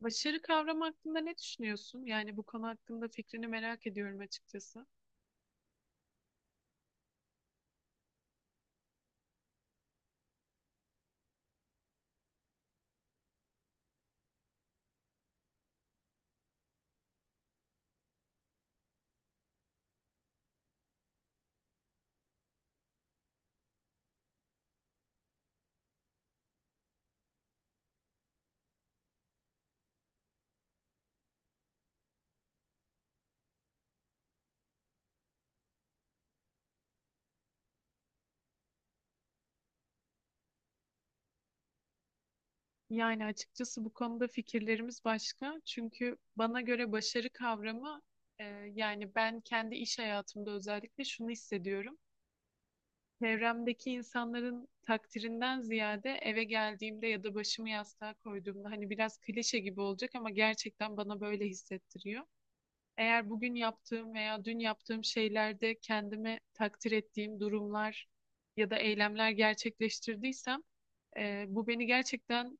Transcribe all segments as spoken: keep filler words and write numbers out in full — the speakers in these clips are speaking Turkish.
Başarı kavramı hakkında ne düşünüyorsun? Yani bu konu hakkında fikrini merak ediyorum açıkçası. Yani açıkçası bu konuda fikirlerimiz başka. Çünkü bana göre başarı kavramı e, yani ben kendi iş hayatımda özellikle şunu hissediyorum. Çevremdeki insanların takdirinden ziyade eve geldiğimde ya da başımı yastığa koyduğumda hani biraz klişe gibi olacak ama gerçekten bana böyle hissettiriyor. Eğer bugün yaptığım veya dün yaptığım şeylerde kendimi takdir ettiğim durumlar ya da eylemler gerçekleştirdiysem e, bu beni gerçekten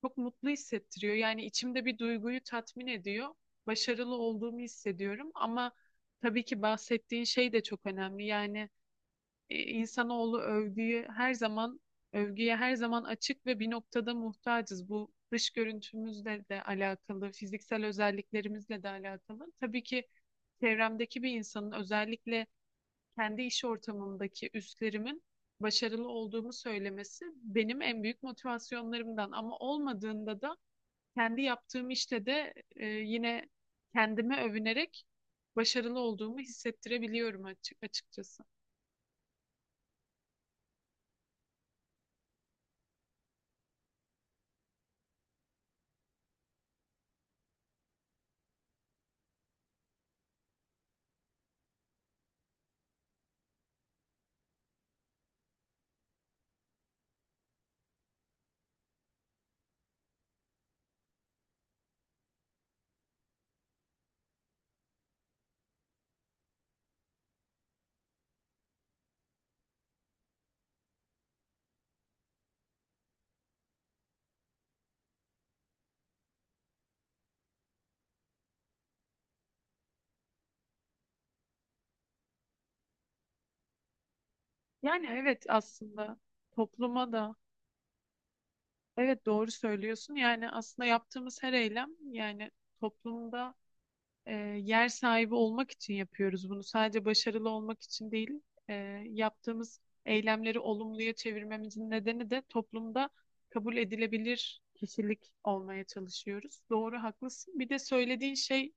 çok mutlu hissettiriyor. Yani içimde bir duyguyu tatmin ediyor. Başarılı olduğumu hissediyorum ama tabii ki bahsettiğin şey de çok önemli. Yani e, insanoğlu övgüyü her zaman övgüye her zaman açık ve bir noktada muhtacız. Bu dış görüntümüzle de alakalı, fiziksel özelliklerimizle de alakalı. Tabii ki çevremdeki bir insanın özellikle kendi iş ortamımdaki üstlerimin başarılı olduğumu söylemesi benim en büyük motivasyonlarımdan. Ama olmadığında da kendi yaptığım işte de e, yine kendime övünerek başarılı olduğumu hissettirebiliyorum açık açıkçası. Yani evet aslında topluma da evet doğru söylüyorsun. Yani aslında yaptığımız her eylem yani toplumda e, yer sahibi olmak için yapıyoruz bunu. Sadece başarılı olmak için değil, e, yaptığımız eylemleri olumluya çevirmemizin nedeni de toplumda kabul edilebilir kişilik olmaya çalışıyoruz. Doğru, haklısın. Bir de söylediğin şey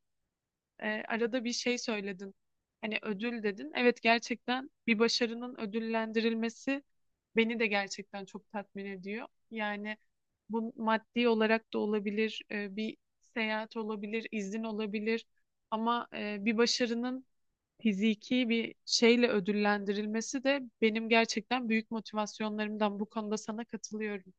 e, arada bir şey söyledin. Hani ödül dedin. Evet gerçekten bir başarının ödüllendirilmesi beni de gerçekten çok tatmin ediyor. Yani bu maddi olarak da olabilir, e, bir seyahat olabilir, izin olabilir. Ama e, bir başarının fiziki bir şeyle ödüllendirilmesi de benim gerçekten büyük motivasyonlarımdan. Bu konuda sana katılıyorum.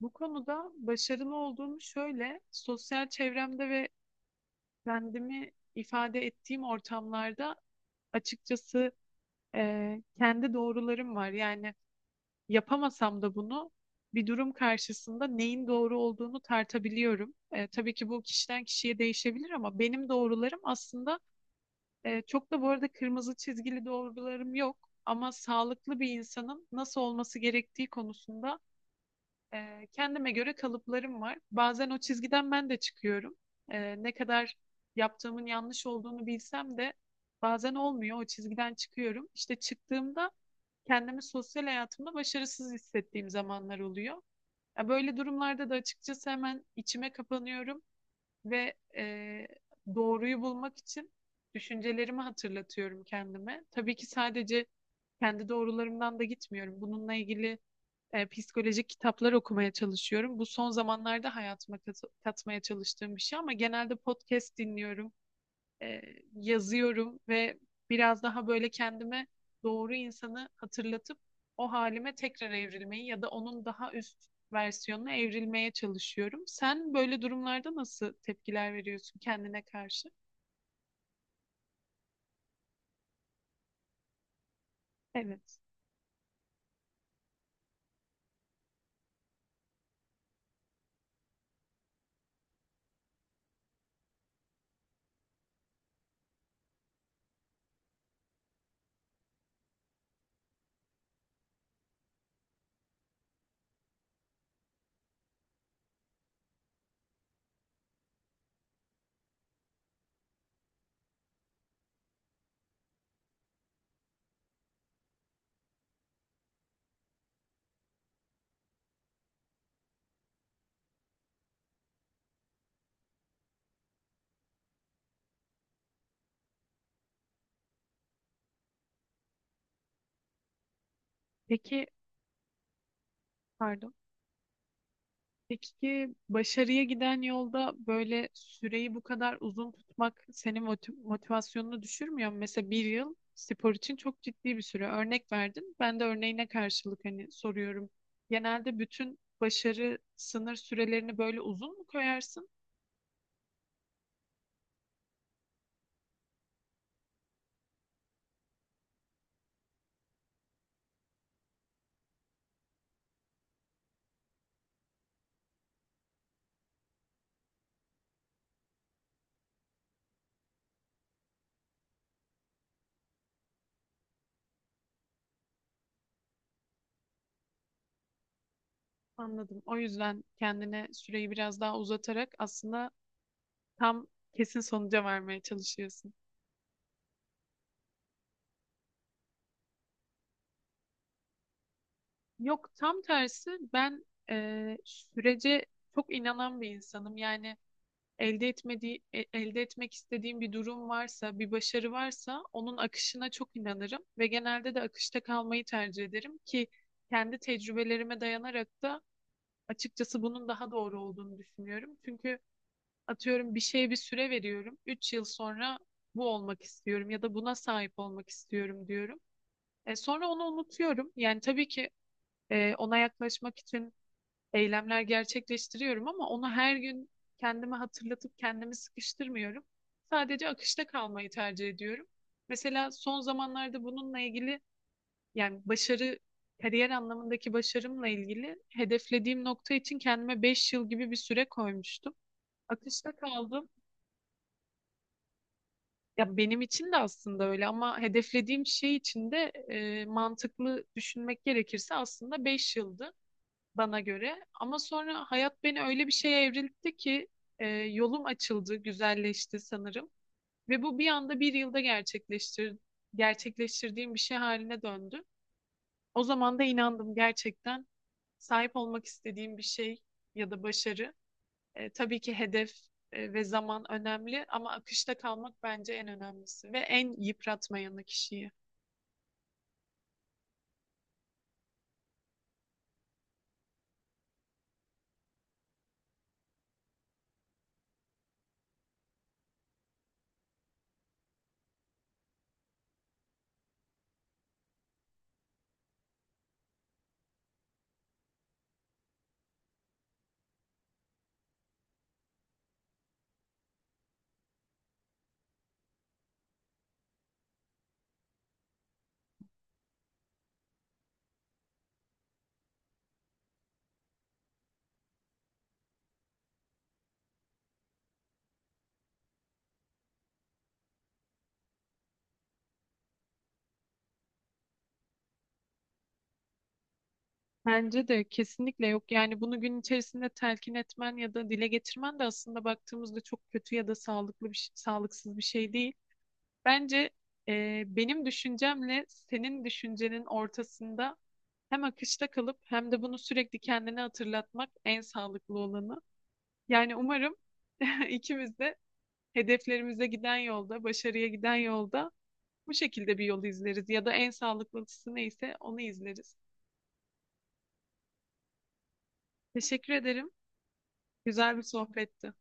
Bu konuda başarılı olduğum şöyle, sosyal çevremde ve kendimi ifade ettiğim ortamlarda açıkçası e, kendi doğrularım var. Yani yapamasam da bunu bir durum karşısında neyin doğru olduğunu tartabiliyorum. E, tabii ki bu kişiden kişiye değişebilir ama benim doğrularım aslında e, çok da bu arada kırmızı çizgili doğrularım yok. Ama sağlıklı bir insanın nasıl olması gerektiği konusunda ee, kendime göre kalıplarım var. Bazen o çizgiden ben de çıkıyorum. Ee, ne kadar yaptığımın yanlış olduğunu bilsem de bazen olmuyor. O çizgiden çıkıyorum. İşte çıktığımda kendimi sosyal hayatımda başarısız hissettiğim zamanlar oluyor. Ya böyle durumlarda da açıkçası hemen içime kapanıyorum ve e, doğruyu bulmak için düşüncelerimi hatırlatıyorum kendime. Tabii ki sadece kendi doğrularımdan da gitmiyorum. Bununla ilgili e, psikolojik kitaplar okumaya çalışıyorum. Bu son zamanlarda hayatıma kat- katmaya çalıştığım bir şey ama genelde podcast dinliyorum, e, yazıyorum ve biraz daha böyle kendime doğru insanı hatırlatıp o halime tekrar evrilmeyi ya da onun daha üst versiyonuna evrilmeye çalışıyorum. Sen böyle durumlarda nasıl tepkiler veriyorsun kendine karşı? Evet. Peki, pardon. Peki başarıya giden yolda böyle süreyi bu kadar uzun tutmak senin moti- motivasyonunu düşürmüyor mu? Mesela bir yıl spor için çok ciddi bir süre. Örnek verdin. Ben de örneğine karşılık hani soruyorum. Genelde bütün başarı sınır sürelerini böyle uzun mu koyarsın? Anladım. O yüzden kendine süreyi biraz daha uzatarak aslında tam kesin sonuca varmaya çalışıyorsun. Yok, tam tersi. Ben eee, sürece çok inanan bir insanım. Yani elde etmediği, e- elde etmek istediğim bir durum varsa, bir başarı varsa onun akışına çok inanırım ve genelde de akışta kalmayı tercih ederim ki kendi tecrübelerime dayanarak da açıkçası bunun daha doğru olduğunu düşünüyorum. Çünkü atıyorum bir şeye bir süre veriyorum. Üç yıl sonra bu olmak istiyorum ya da buna sahip olmak istiyorum diyorum. E, sonra onu unutuyorum. Yani tabii ki e, ona yaklaşmak için eylemler gerçekleştiriyorum ama onu her gün kendime hatırlatıp kendimi sıkıştırmıyorum. Sadece akışta kalmayı tercih ediyorum. Mesela son zamanlarda bununla ilgili yani başarı kariyer anlamındaki başarımla ilgili hedeflediğim nokta için kendime beş yıl gibi bir süre koymuştum. Akışta kaldım. Ya benim için de aslında öyle ama hedeflediğim şey için de e, mantıklı düşünmek gerekirse aslında beş yıldı, bana göre. Ama sonra hayat beni öyle bir şeye evriltti ki e, yolum açıldı, güzelleşti sanırım. Ve bu bir anda bir yılda gerçekleştir gerçekleştirdiğim bir şey haline döndü. O zaman da inandım gerçekten sahip olmak istediğim bir şey ya da başarı. E, tabii ki hedef e, ve zaman önemli ama akışta kalmak bence en önemlisi ve en yıpratmayanı kişiyi. Bence de kesinlikle yok. Yani bunu gün içerisinde telkin etmen ya da dile getirmen de aslında baktığımızda çok kötü ya da sağlıklı bir şey- sağlıksız bir şey değil. Bence e, benim düşüncemle senin düşüncenin ortasında hem akışta kalıp hem de bunu sürekli kendine hatırlatmak en sağlıklı olanı. Yani umarım ikimiz de hedeflerimize giden yolda, başarıya giden yolda bu şekilde bir yol izleriz ya da en sağlıklısı neyse onu izleriz. Teşekkür ederim. Güzel bir sohbetti.